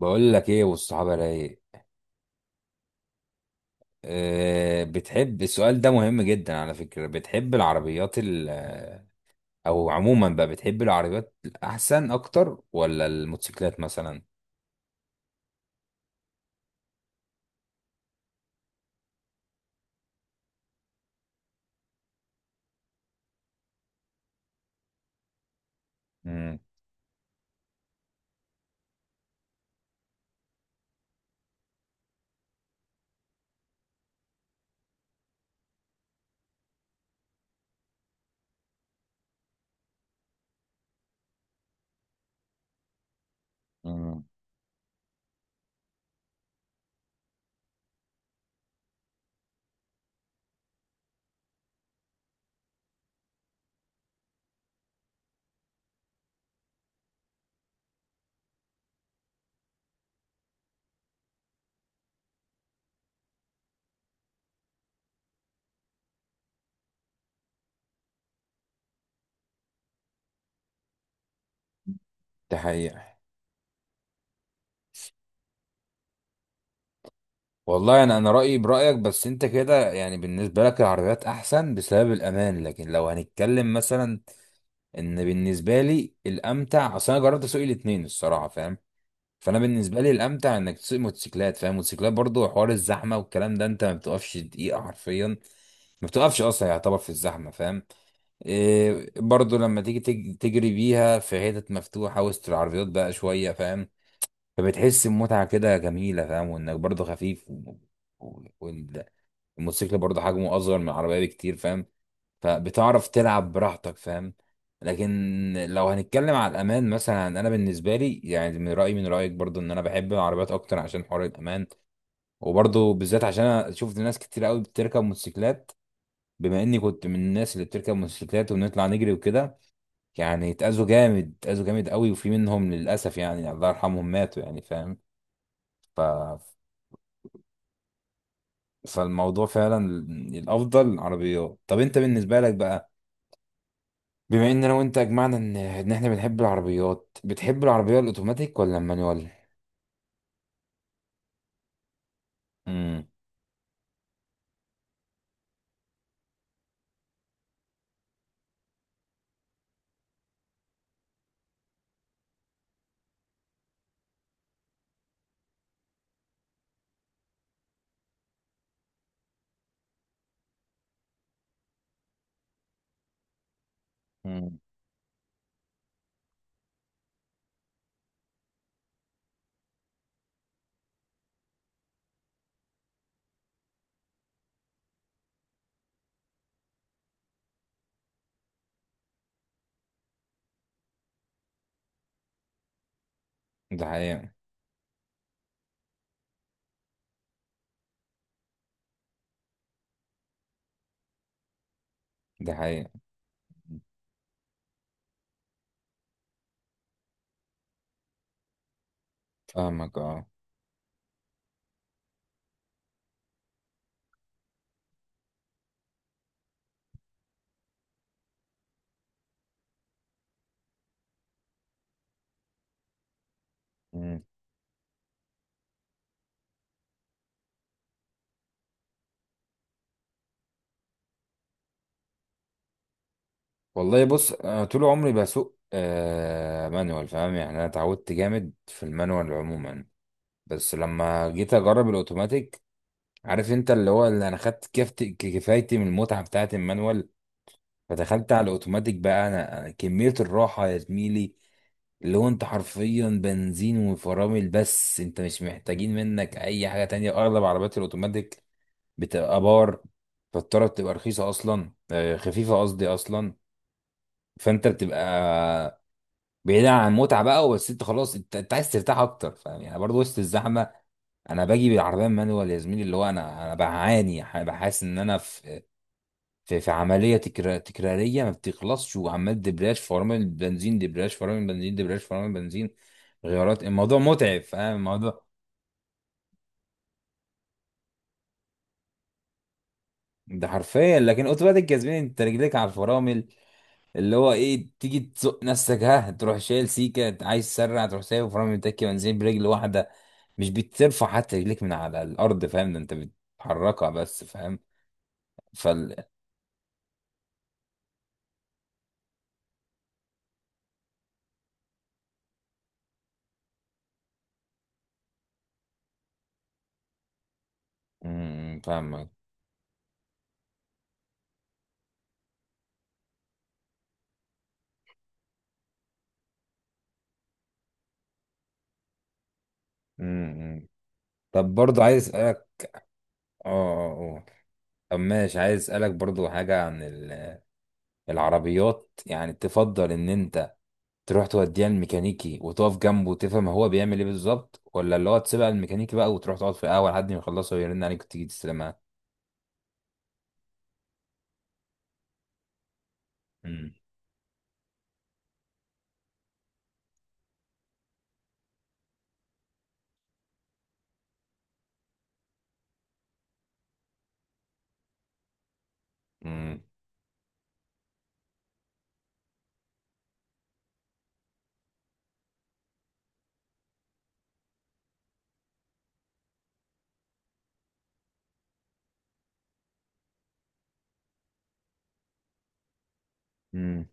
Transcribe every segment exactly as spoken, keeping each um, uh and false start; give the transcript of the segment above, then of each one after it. بقول لك ايه والصحابه رايق. أه، بتحب السؤال ده مهم جدا على فكره، بتحب العربيات ال او عموما بقى، بتحب العربيات احسن اكتر ولا الموتوسيكلات مثلا؟ امم امم ده حقيقة. والله انا انا رايي برايك، بس انت كده يعني بالنسبه لك العربيات احسن بسبب الامان، لكن لو هنتكلم مثلا ان بالنسبه لي الامتع، اصل انا جربت اسوق الاثنين الصراحه فاهم. فانا بالنسبه لي الامتع انك تسوق موتوسيكلات فاهم، موتوسيكلات برضو حوار الزحمه والكلام ده، انت ما بتقفش دقيقه حرفيا، ما بتقفش اصلا يعتبر في الزحمه فاهم. إيه برضو لما تيجي تج- تجري بيها في حتت مفتوحه وسط العربيات بقى شويه فاهم. فبتحس بمتعه كده جميله فاهم، وانك برضو خفيف و... و... الموتوسيكل برضه حجمه اصغر من العربيه بكتير فاهم، فبتعرف تلعب براحتك فاهم. لكن لو هنتكلم على الامان مثلا انا بالنسبه لي يعني من رايي من رايك برضه ان انا بحب العربيات اكتر عشان حوار الامان، وبرضه بالذات عشان انا شفت ناس كتير قوي بتركب موتوسيكلات، بما اني كنت من الناس اللي بتركب موتوسيكلات وبنطلع نجري وكده، يعني اتأذوا جامد، اتأذوا جامد قوي، وفي منهم للاسف يعني الله يرحمهم ماتوا يعني فاهم. ف فالموضوع فعلا الافضل العربيات. طب انت بالنسبه لك بقى، بما ان انا وانت اجمعنا ان ان احنا بنحب العربيات، بتحب العربيه الاوتوماتيك ولا المانيوال؟ امم امم ده حقيقة. ده حقيقة. فاهمك اه. امم والله بص، أنا طول عمري بسوق آه مانوال فاهم، يعني انا اتعودت جامد في المانوال عموما. بس لما جيت اجرب الاوتوماتيك، عارف انت اللي هو اللي انا خدت كفت- كفايتي من المتعه بتاعت المانوال، فدخلت على الاوتوماتيك بقى، انا أنا كمية الراحة يا زميلي، اللي هو انت حرفيا بنزين وفرامل بس، انت مش محتاجين منك اي حاجة تانية. اغلب عربيات الاوتوماتيك بتبقى بار، فالطرة بتبقى رخيصة اصلا آه، خفيفة قصدي اصلا. فانت بتبقى بعيد عن المتعة بقى، بس انت خلاص انت, انت عايز ترتاح اكتر فاهم، يعني برضه وسط الزحمة انا باجي بالعربية مانوال يا زميلي، اللي هو انا انا بعاني ح- بحس ان انا في في في عمليه تكرا- تكراريه ما بتخلصش، وعمال دبرياج فرامل بنزين، دبرياج فرامل بنزين، دبرياج فرامل بنزين، غيارات. الموضوع متعب فاهم الموضوع، ده حرفيا. لكن اوتوماتيك كسبان، انت رجليك على الفرامل، اللي هو ايه تيجي تزق نفسك ها تروح شايل سيكه، عايز تسرع تروح سايب فرامل تكي بنزين برجل واحده، مش بترفع حتى رجليك من على الارض فاهم، ده انت بتحركها بس فاهم. فال امم، فاهمك. امم. طب برضه عايز اسالك. اه اه آه. طب ماشي، عايز اسالك برضو حاجه عن ال- العربيات، يعني تفضل ان انت تروح توديها الميكانيكي وتقف جنبه وتفهم هو بيعمل ايه بالظبط، ولا اللي هو تسيبها الميكانيكي بقى وتروح تقعد في القهوه لحد ما يخلصها ويرن عليك وتيجي تستلمها؟ امم امم امم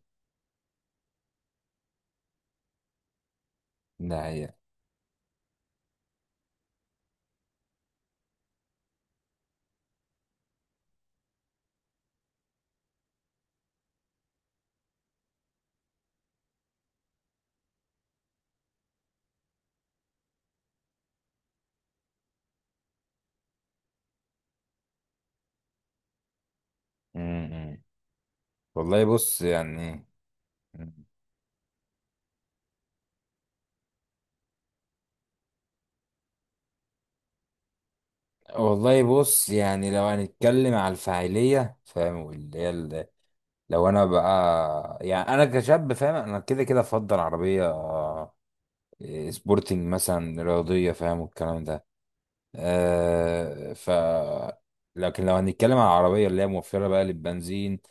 ده هي. امم والله بص يعني مم. والله بص يعني، لو هنتكلم على الفاعليه فاهم واللي هي ال- لو انا بقى يعني انا كشاب فاهم، انا كده كده افضل عربيه إيه، سبورتنج مثلا، رياضية فاهم والكلام ده آه. ف لكن لو هنتكلم على العربية اللي هي موفرة بقى للبنزين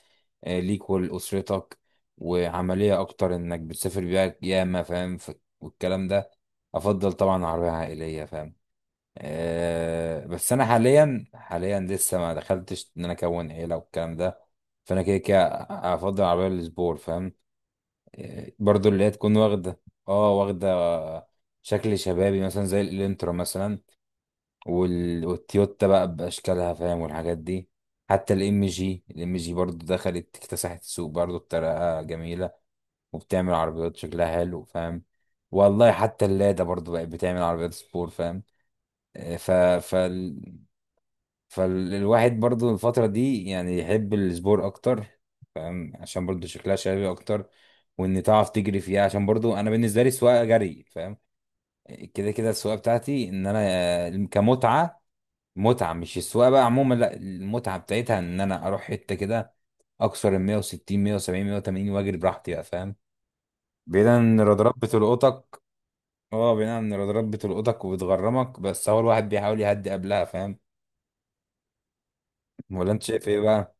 آه، ليك ولأسرتك، وعملية أكتر إنك بتسافر بيها ياما فاهم، ف- والكلام ده، أفضل طبعا عربية عائلية فاهم. آه، بس أنا حاليا حاليا لسه ما دخلتش إن أنا أكون عيلة والكلام ده، فأنا كده كده أفضل عربية للسبور فاهم، برضو اللي هي تكون واخدة. اه واخدة شكل شبابي مثلا، زي الانترا مثلا وال... والتويوتا بقى بأشكالها فاهم والحاجات دي. حتى الام جي، الام جي برضو دخلت اكتسحت السوق برضو بطريقة جميلة، وبتعمل عربيات شكلها حلو فاهم. والله حتى اللادا برضو بقت بتعمل عربيات سبور فاهم. آه، ف... فالواحد برضو الفترة دي يعني يحب السبور أكتر فاهم، عشان برضو شكلها شبابي أكتر، وإن تعرف تجري فيها عشان برضو أنا بالنسبة لي السواقة جري فاهم. كده كده السواقة بتاعتي إن أنا آه، كمتعة، متعة، مش السواقة بقى عموما، لا، المتعة بتاعتها إن أنا أروح حتة كده أكثر ال مية وستين مية وسبعين مية وتمانين وأجري براحتي بقى فاهم، بعيدا إن الرادارات بتلقطك. اه بعيدا إن الرادارات بتلقطك وبتغرمك، بس هو الواحد بيحاول يهدي قبلها فاهم. ولا أنت شايف إيه بقى؟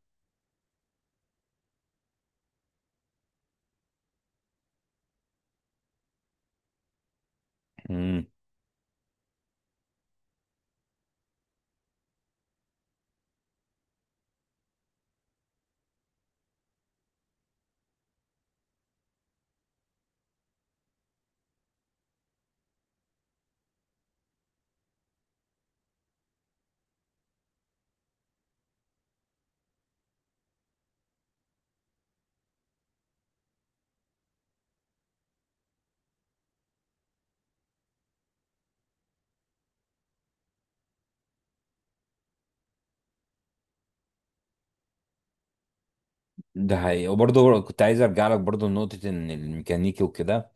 ده حقيقي. وبرضه كنت عايز ارجع لك برضه لنقطة ان الميكانيكي وكده،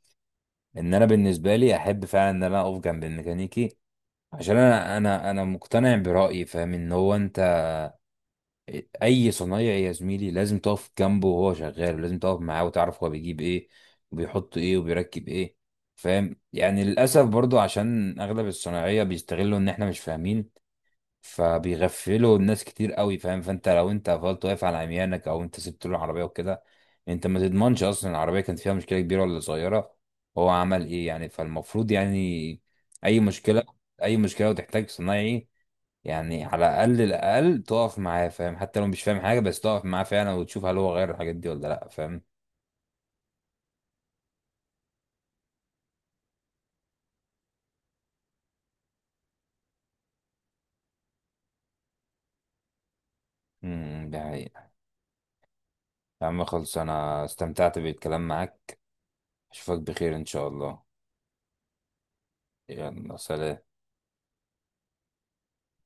ان انا بالنسبة لي احب فعلا ان انا اقف جنب الميكانيكي، عشان انا انا انا مقتنع برأيي فاهم ان هو انت اي صنايعي يا زميلي لازم تقف جنبه وهو شغال، ولازم تقف معاه وتعرف هو بيجيب ايه وبيحط ايه وبيركب ايه فاهم. يعني للاسف برضه عشان اغلب الصناعية بيستغلوا ان احنا مش فاهمين، فبيغفلوا الناس كتير قوي فاهم. فانت لو انت فضلت واقف على عميانك او انت سبت له العربيه وكده، انت ما تضمنش اصلا العربيه كانت فيها مشكله كبيره ولا صغيره، هو عمل ايه يعني. فالمفروض يعني اي مشكله، اي مشكله وتحتاج صنايعي، يعني على الاقل الاقل تقف معاه فاهم، حتى لو مش فاهم حاجه بس تقف معاه فعلا وتشوف هل هو غير الحاجات دي ولا لا فاهم. امم ده حقيقة. يا عم خلص، انا استمتعت بالكلام معاك، اشوفك بخير ان شاء الله. يلا سلام